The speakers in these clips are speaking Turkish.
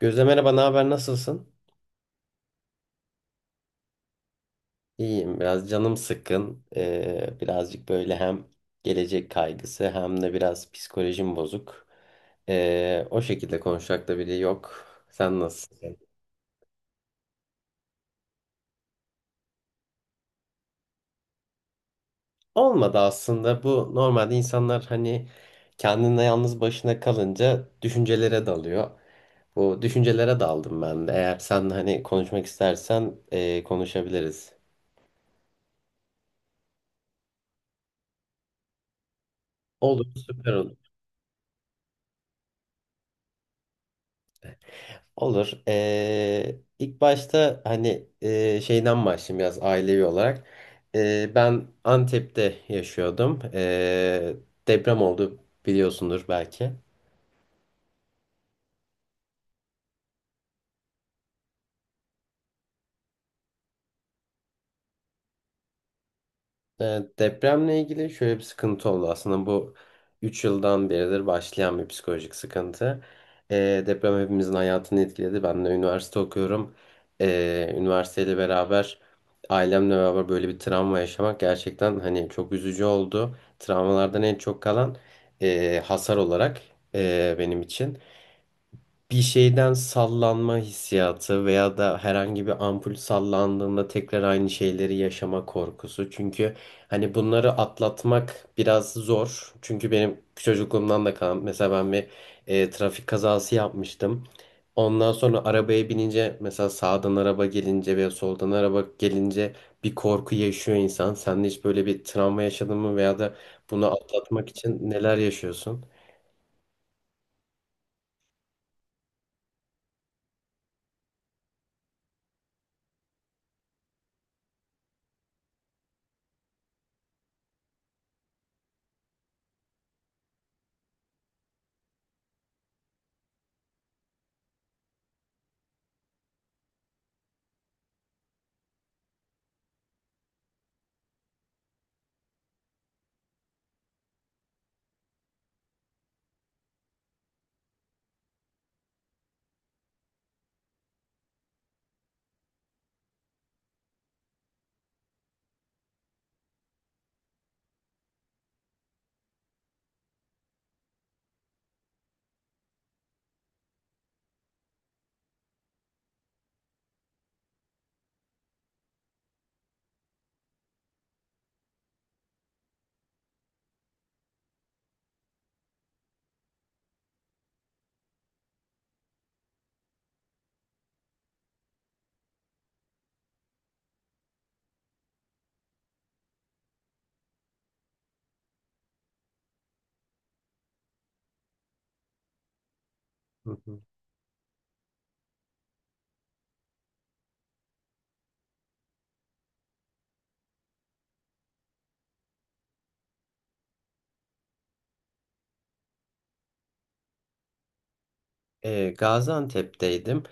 Gözde merhaba, ne haber, nasılsın? İyiyim, biraz canım sıkkın. Birazcık böyle hem gelecek kaygısı hem de biraz psikolojim bozuk. O şekilde konuşacak da biri yok. Sen nasılsın? Olmadı aslında. Bu normalde insanlar hani kendine yalnız başına kalınca düşüncelere dalıyor. Bu düşüncelere daldım ben de. Eğer sen hani konuşmak istersen konuşabiliriz. Olur, süper olur. Olur. İlk başta hani şeyden başlayayım biraz ailevi olarak. Ben Antep'te yaşıyordum. Deprem oldu, biliyorsundur belki. Evet, depremle ilgili şöyle bir sıkıntı oldu. Aslında bu 3 yıldan beridir başlayan bir psikolojik sıkıntı. Deprem hepimizin hayatını etkiledi. Ben de üniversite okuyorum. Üniversiteyle beraber ailemle beraber böyle bir travma yaşamak gerçekten hani çok üzücü oldu. Travmalardan en çok kalan hasar olarak benim için bir şeyden sallanma hissiyatı veya da herhangi bir ampul sallandığında tekrar aynı şeyleri yaşama korkusu. Çünkü hani bunları atlatmak biraz zor. Çünkü benim çocukluğumdan da kalan, mesela ben bir trafik kazası yapmıştım. Ondan sonra arabaya binince mesela sağdan araba gelince veya soldan araba gelince bir korku yaşıyor insan. Sen de hiç böyle bir travma yaşadın mı veya da bunu atlatmak için neler yaşıyorsun? Gaziantep'teydim.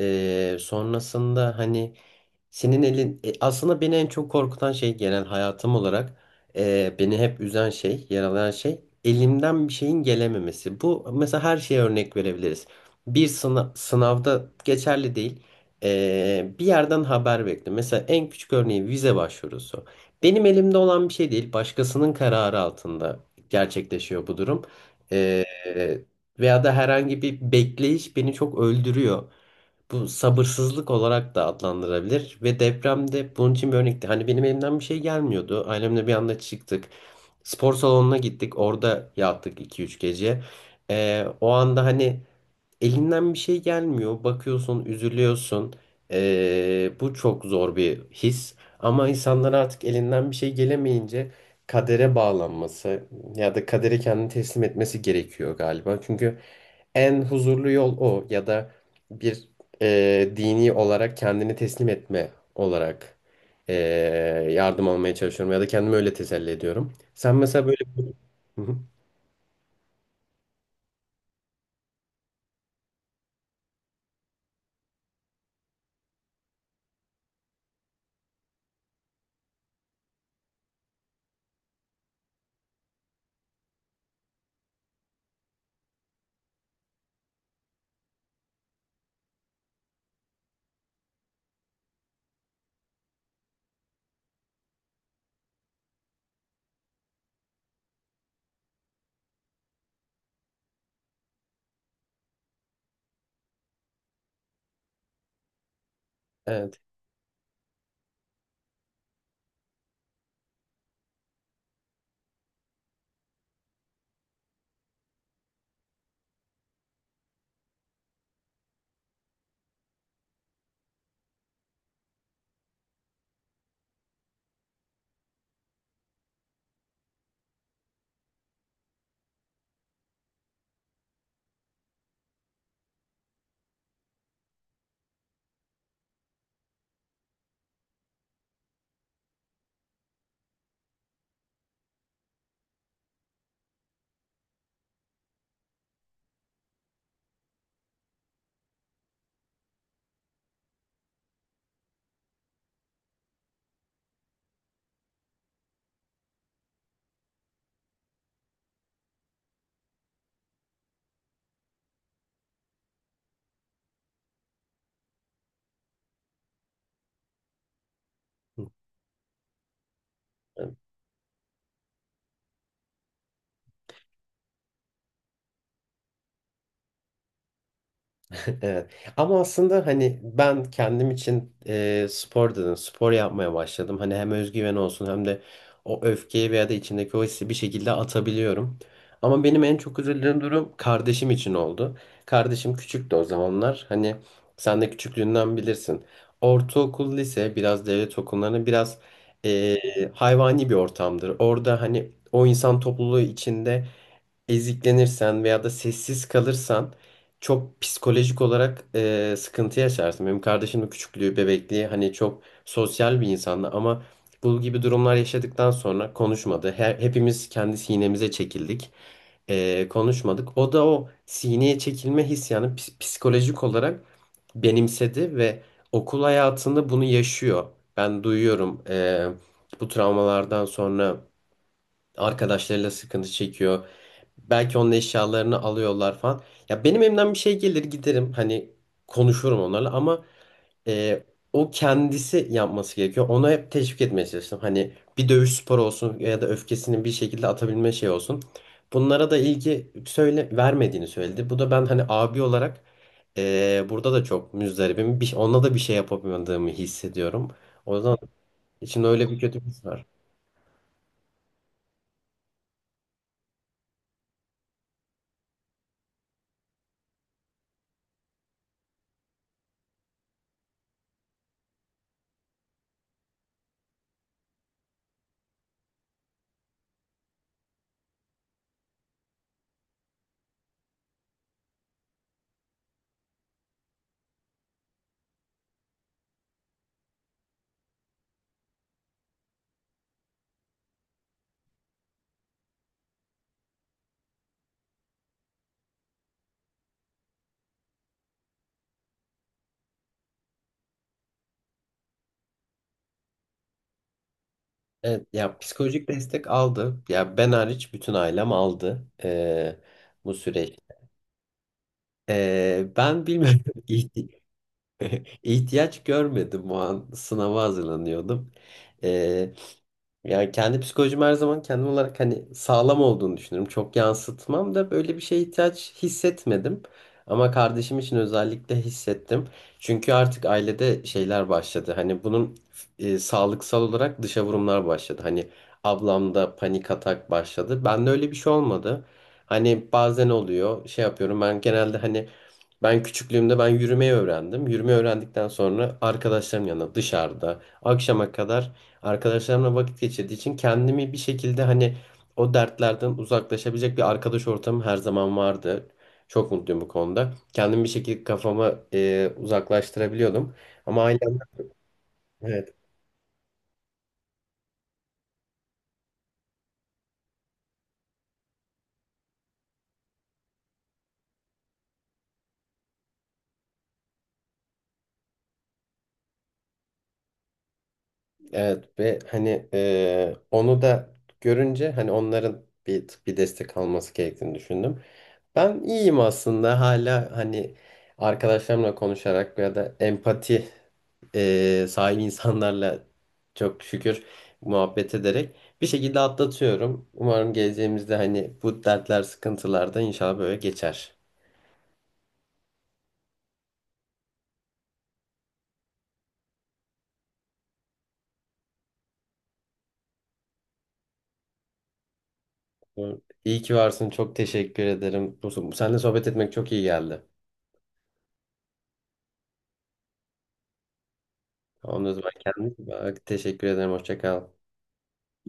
Sonrasında hani senin elin aslında beni en çok korkutan şey genel hayatım olarak beni hep üzen şey, yaralayan şey elimden bir şeyin gelememesi. Bu mesela her şeye örnek verebiliriz. Bir sınav, sınavda geçerli değil. Bir yerden haber bekle. Mesela en küçük örneği vize başvurusu. Benim elimde olan bir şey değil. Başkasının kararı altında gerçekleşiyor bu durum. E, veya da herhangi bir bekleyiş beni çok öldürüyor. Bu sabırsızlık olarak da adlandırabilir ve depremde bunun için bir örnekti. Hani benim elimden bir şey gelmiyordu. Ailemle bir anda çıktık. Spor salonuna gittik. Orada yattık 2 3 gece. O anda hani elinden bir şey gelmiyor. Bakıyorsun, üzülüyorsun. Bu çok zor bir his. Ama insanlar artık elinden bir şey gelemeyince kadere bağlanması ya da kadere kendini teslim etmesi gerekiyor galiba. Çünkü en huzurlu yol o, ya da bir dini olarak kendini teslim etme olarak e, yardım almaya çalışıyorum ya da kendimi öyle teselli ediyorum. Sen mesela böyle... Hı hı. Evet. Evet. Ama aslında hani ben kendim için spor dedim. Spor yapmaya başladım. Hani hem özgüven olsun hem de o öfkeyi veya da içindeki o hissi bir şekilde atabiliyorum. Ama benim en çok üzüldüğüm durum kardeşim için oldu. Kardeşim küçüktü o zamanlar. Hani sen de küçüklüğünden bilirsin. Ortaokul, lise biraz devlet okullarının biraz e, hayvani bir ortamdır. Orada hani o insan topluluğu içinde eziklenirsen veya da sessiz kalırsan çok psikolojik olarak sıkıntı yaşarsın. Benim kardeşim de küçüklüğü, bebekliği hani çok sosyal bir insandı, ama bu gibi durumlar yaşadıktan sonra konuşmadı. Hepimiz kendi sinemize çekildik. Konuşmadık. O da o sineye çekilme hissiyatını psikolojik olarak benimsedi ve okul hayatında bunu yaşıyor. Ben duyuyorum. Bu travmalardan sonra arkadaşlarıyla sıkıntı çekiyor. Belki onun eşyalarını alıyorlar falan. Ya benim elimden bir şey gelir, giderim hani konuşurum onlarla, ama e, o kendisi yapması gerekiyor. Ona hep teşvik etmeye çalıştım. Hani bir dövüş sporu olsun ya da öfkesini bir şekilde atabilme şey olsun. Bunlara da ilgi söyle vermediğini söyledi. Bu da ben hani abi olarak burada da çok müzdaribim. Bir, ona da bir şey yapamadığımı hissediyorum. O yüzden içimde öyle bir kötü bir his var. Evet, ya psikolojik destek aldı. Ya ben hariç bütün ailem aldı bu süreç. Ben bilmiyorum. İhti- ihtiyaç görmedim, o an sınava hazırlanıyordum. Yani kendi psikolojim her zaman kendim olarak hani sağlam olduğunu düşünüyorum. Çok yansıtmam da böyle bir şeye ihtiyaç hissetmedim. Ama kardeşim için özellikle hissettim. Çünkü artık ailede şeyler başladı. Hani bunun sağlıksal olarak dışa vurumlar başladı. Hani ablamda panik atak başladı. Bende öyle bir şey olmadı. Hani bazen oluyor, şey yapıyorum, ben genelde hani ben küçüklüğümde ben yürümeyi öğrendim. Yürümeyi öğrendikten sonra arkadaşlarım yanında dışarıda akşama kadar arkadaşlarımla vakit geçirdiği için kendimi bir şekilde hani o dertlerden uzaklaşabilecek bir arkadaş ortamım her zaman vardı. Çok mutluyum bu konuda. Kendimi bir şekilde kafamı uzaklaştırabiliyordum. Ama ailem. Evet. Evet. Ve hani onu da görünce hani onların bir destek alması gerektiğini düşündüm. Ben iyiyim aslında, hala hani arkadaşlarımla konuşarak ya da empati sahibi insanlarla çok şükür muhabbet ederek bir şekilde atlatıyorum. Umarım geleceğimizde hani bu dertler, sıkıntılar da inşallah böyle geçer. İyi ki varsın. Çok teşekkür ederim. Seninle sohbet etmek çok iyi geldi. Ondan sonra kendine iyi bak. Teşekkür ederim. Hoşça kal.